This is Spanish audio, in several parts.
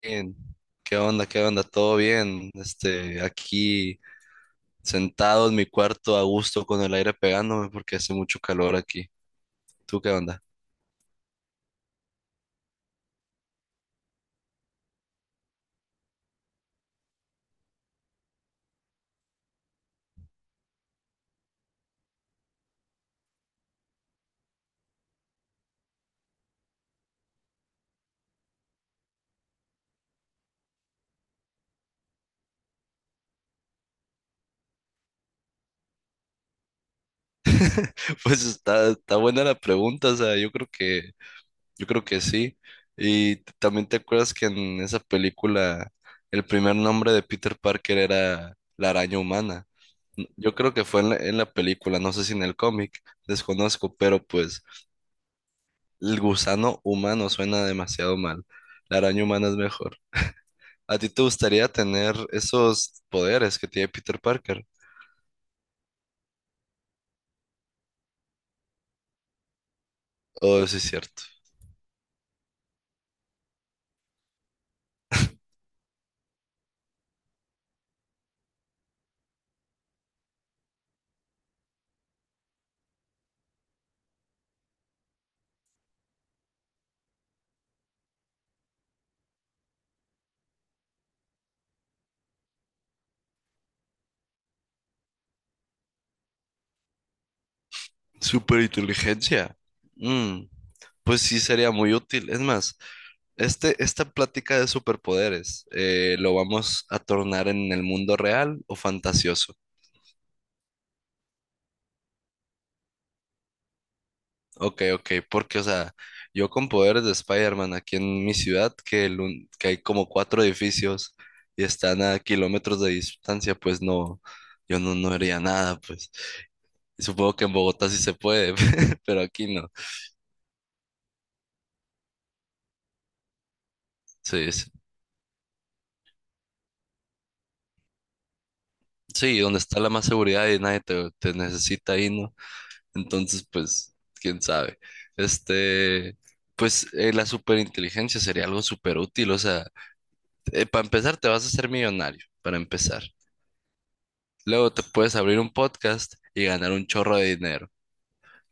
Bien. ¿Qué onda? ¿Qué onda? ¿Todo bien? Aquí sentado en mi cuarto a gusto con el aire pegándome porque hace mucho calor aquí. ¿Tú qué onda? Pues está buena la pregunta, o sea, yo creo que sí. Y también te acuerdas que en esa película el primer nombre de Peter Parker era la araña humana. Yo creo que fue en la película, no sé si en el cómic, desconozco, pero pues el gusano humano suena demasiado mal. La araña humana es mejor. ¿A ti te gustaría tener esos poderes que tiene Peter Parker? Oh, sí es cierto. Superinteligencia. Mm, pues sí sería muy útil. Es más, esta plática de superpoderes, ¿lo vamos a tornar en el mundo real o fantasioso? Ok, ok, porque, o sea, yo con poderes de Spider-Man aquí en mi ciudad, que, que hay como cuatro edificios y están a kilómetros de distancia, pues no, yo no, no haría nada, pues. Supongo que en Bogotá sí se puede, pero aquí no. Sí, sí, sí, donde está la más seguridad y nadie te necesita ahí, ¿no? Entonces, pues, quién sabe. Este, pues, la superinteligencia sería algo súper útil. O sea, para empezar, te vas a hacer millonario, para empezar. Luego te puedes abrir un podcast y ganar un chorro de dinero.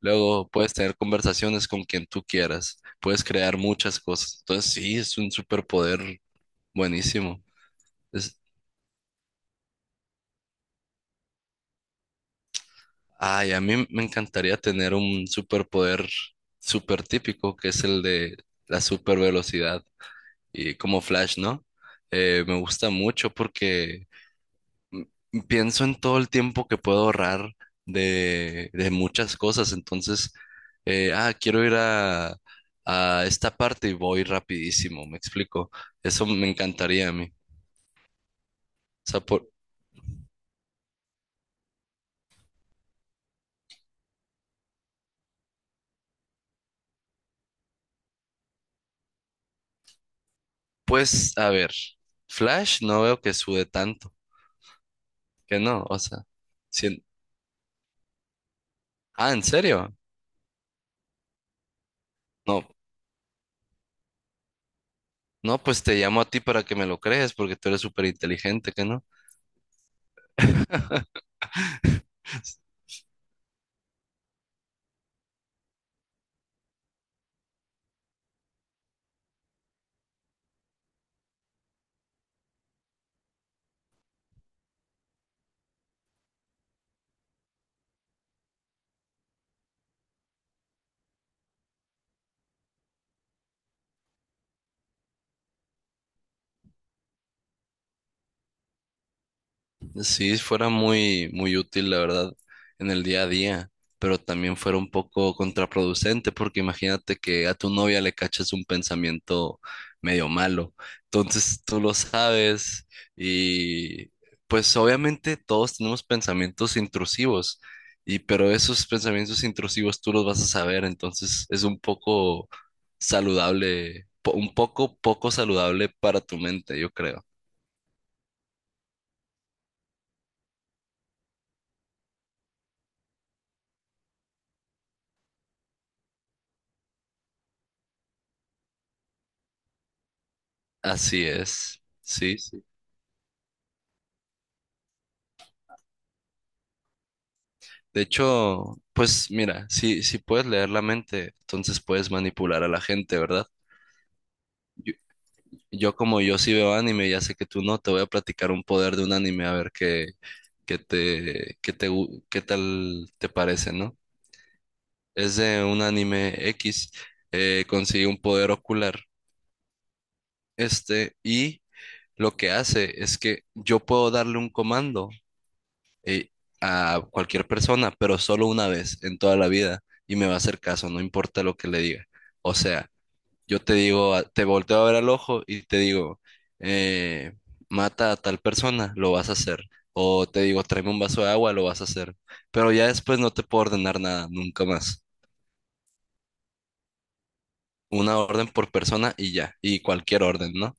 Luego puedes tener conversaciones con quien tú quieras. Puedes crear muchas cosas. Entonces, sí, es un superpoder buenísimo. Es- Ay, a mí me encantaría tener un superpoder súper típico, que es el de la super velocidad y como Flash, ¿no? Me gusta mucho porque pienso en todo el tiempo que puedo ahorrar de muchas cosas. Entonces, quiero ir a esta parte y voy rapidísimo, ¿me explico? Eso me encantaría a mí. O sea, por- pues, a ver, Flash no veo que sube tanto, que no, o sea. Ah, ¿en serio? No, no, pues te llamo a ti para que me lo crees, porque tú eres súper inteligente, ¿que no? Sí, fuera muy, muy útil, la verdad, en el día a día, pero también fuera un poco contraproducente, porque imagínate que a tu novia le cachas un pensamiento medio malo. Entonces tú lo sabes y pues obviamente todos tenemos pensamientos intrusivos, y pero esos pensamientos intrusivos tú los vas a saber, entonces es un poco saludable, un poco saludable para tu mente, yo creo. Así es. Sí, sí. De hecho, pues mira, si puedes leer la mente, entonces puedes manipular a la gente, ¿verdad? Yo, yo como yo sí veo anime, ya sé que tú no, te voy a platicar un poder de un anime a ver qué tal te parece, ¿no? Es de un anime X, consigue un poder ocular, y lo que hace es que yo puedo darle un comando eh, a cualquier persona, pero solo una vez en toda la vida y me va a hacer caso, no importa lo que le diga. O sea, yo te digo, te volteo a ver al ojo y te digo, eh, mata a tal persona, lo vas a hacer. O te digo, tráeme un vaso de agua, lo vas a hacer. Pero ya después no te puedo ordenar nada, nunca más. Una orden por persona y ya, y cualquier orden, ¿no?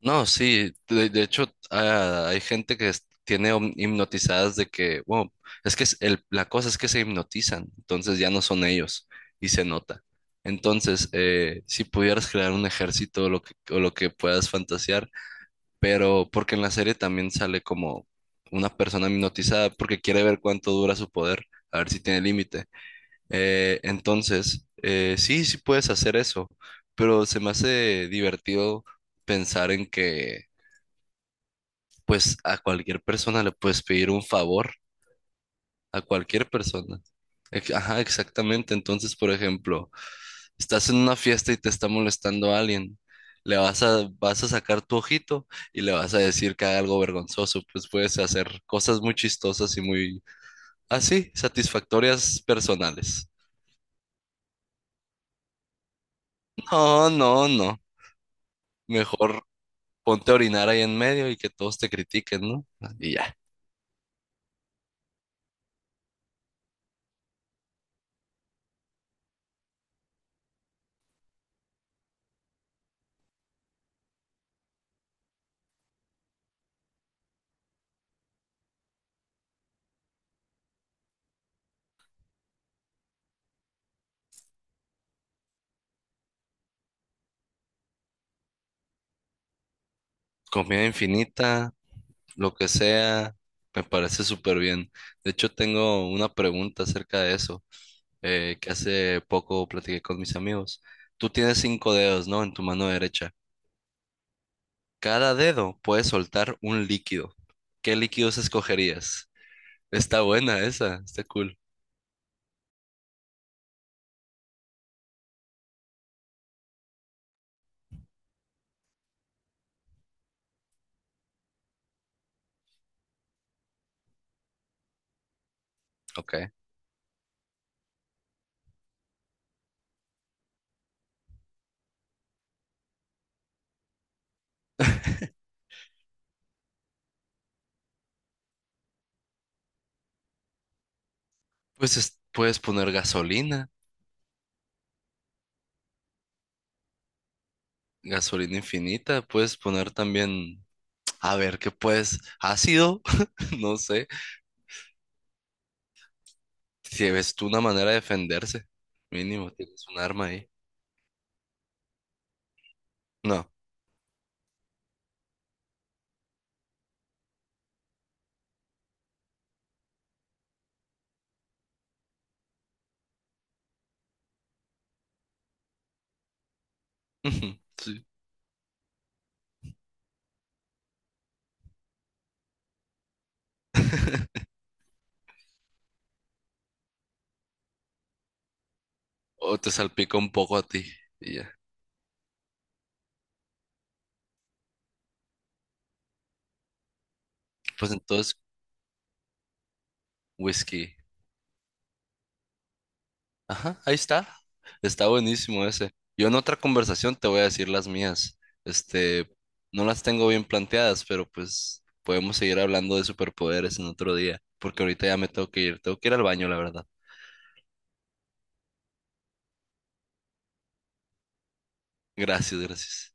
No, sí, de hecho hay gente tiene hipnotizadas de que, wow, es que la cosa es que se hipnotizan, entonces ya no son ellos y se nota. Entonces, si pudieras crear un ejército o lo que puedas fantasear, pero porque en la serie también sale como una persona hipnotizada porque quiere ver cuánto dura su poder, a ver si tiene límite. Sí, sí puedes hacer eso, pero se me hace divertido pensar en que pues a cualquier persona le puedes pedir un favor, a cualquier persona. Ajá, exactamente. Entonces, por ejemplo, estás en una fiesta y te está molestando a alguien. Vas a sacar tu ojito y le vas a decir que haga algo vergonzoso. Pues puedes hacer cosas muy chistosas y muy así, satisfactorias personales. No, no, no. Mejor ponte a orinar ahí en medio y que todos te critiquen, ¿no? Y ya. Comida infinita, lo que sea, me parece súper bien. De hecho, tengo una pregunta acerca de eso, que hace poco platiqué con mis amigos. Tú tienes 5 dedos, ¿no? En tu mano derecha. Cada dedo puede soltar un líquido. ¿Qué líquidos escogerías? Está buena esa, está cool. Ok. Puedes poner gasolina, gasolina infinita, puedes poner también, a ver, ¿qué puedes? Ácido, no sé. Si ves tú una manera de defenderse, mínimo, tienes un arma ahí. No. Ujú, sí. O te salpica un poco a ti. Y ya. Pues entonces, whisky. Ajá, ahí está. Está buenísimo ese. Yo en otra conversación te voy a decir las mías. Este, no las tengo bien planteadas, pero pues podemos seguir hablando de superpoderes en otro día, porque ahorita ya me tengo que ir. Tengo que ir al baño, la verdad. Gracias, gracias.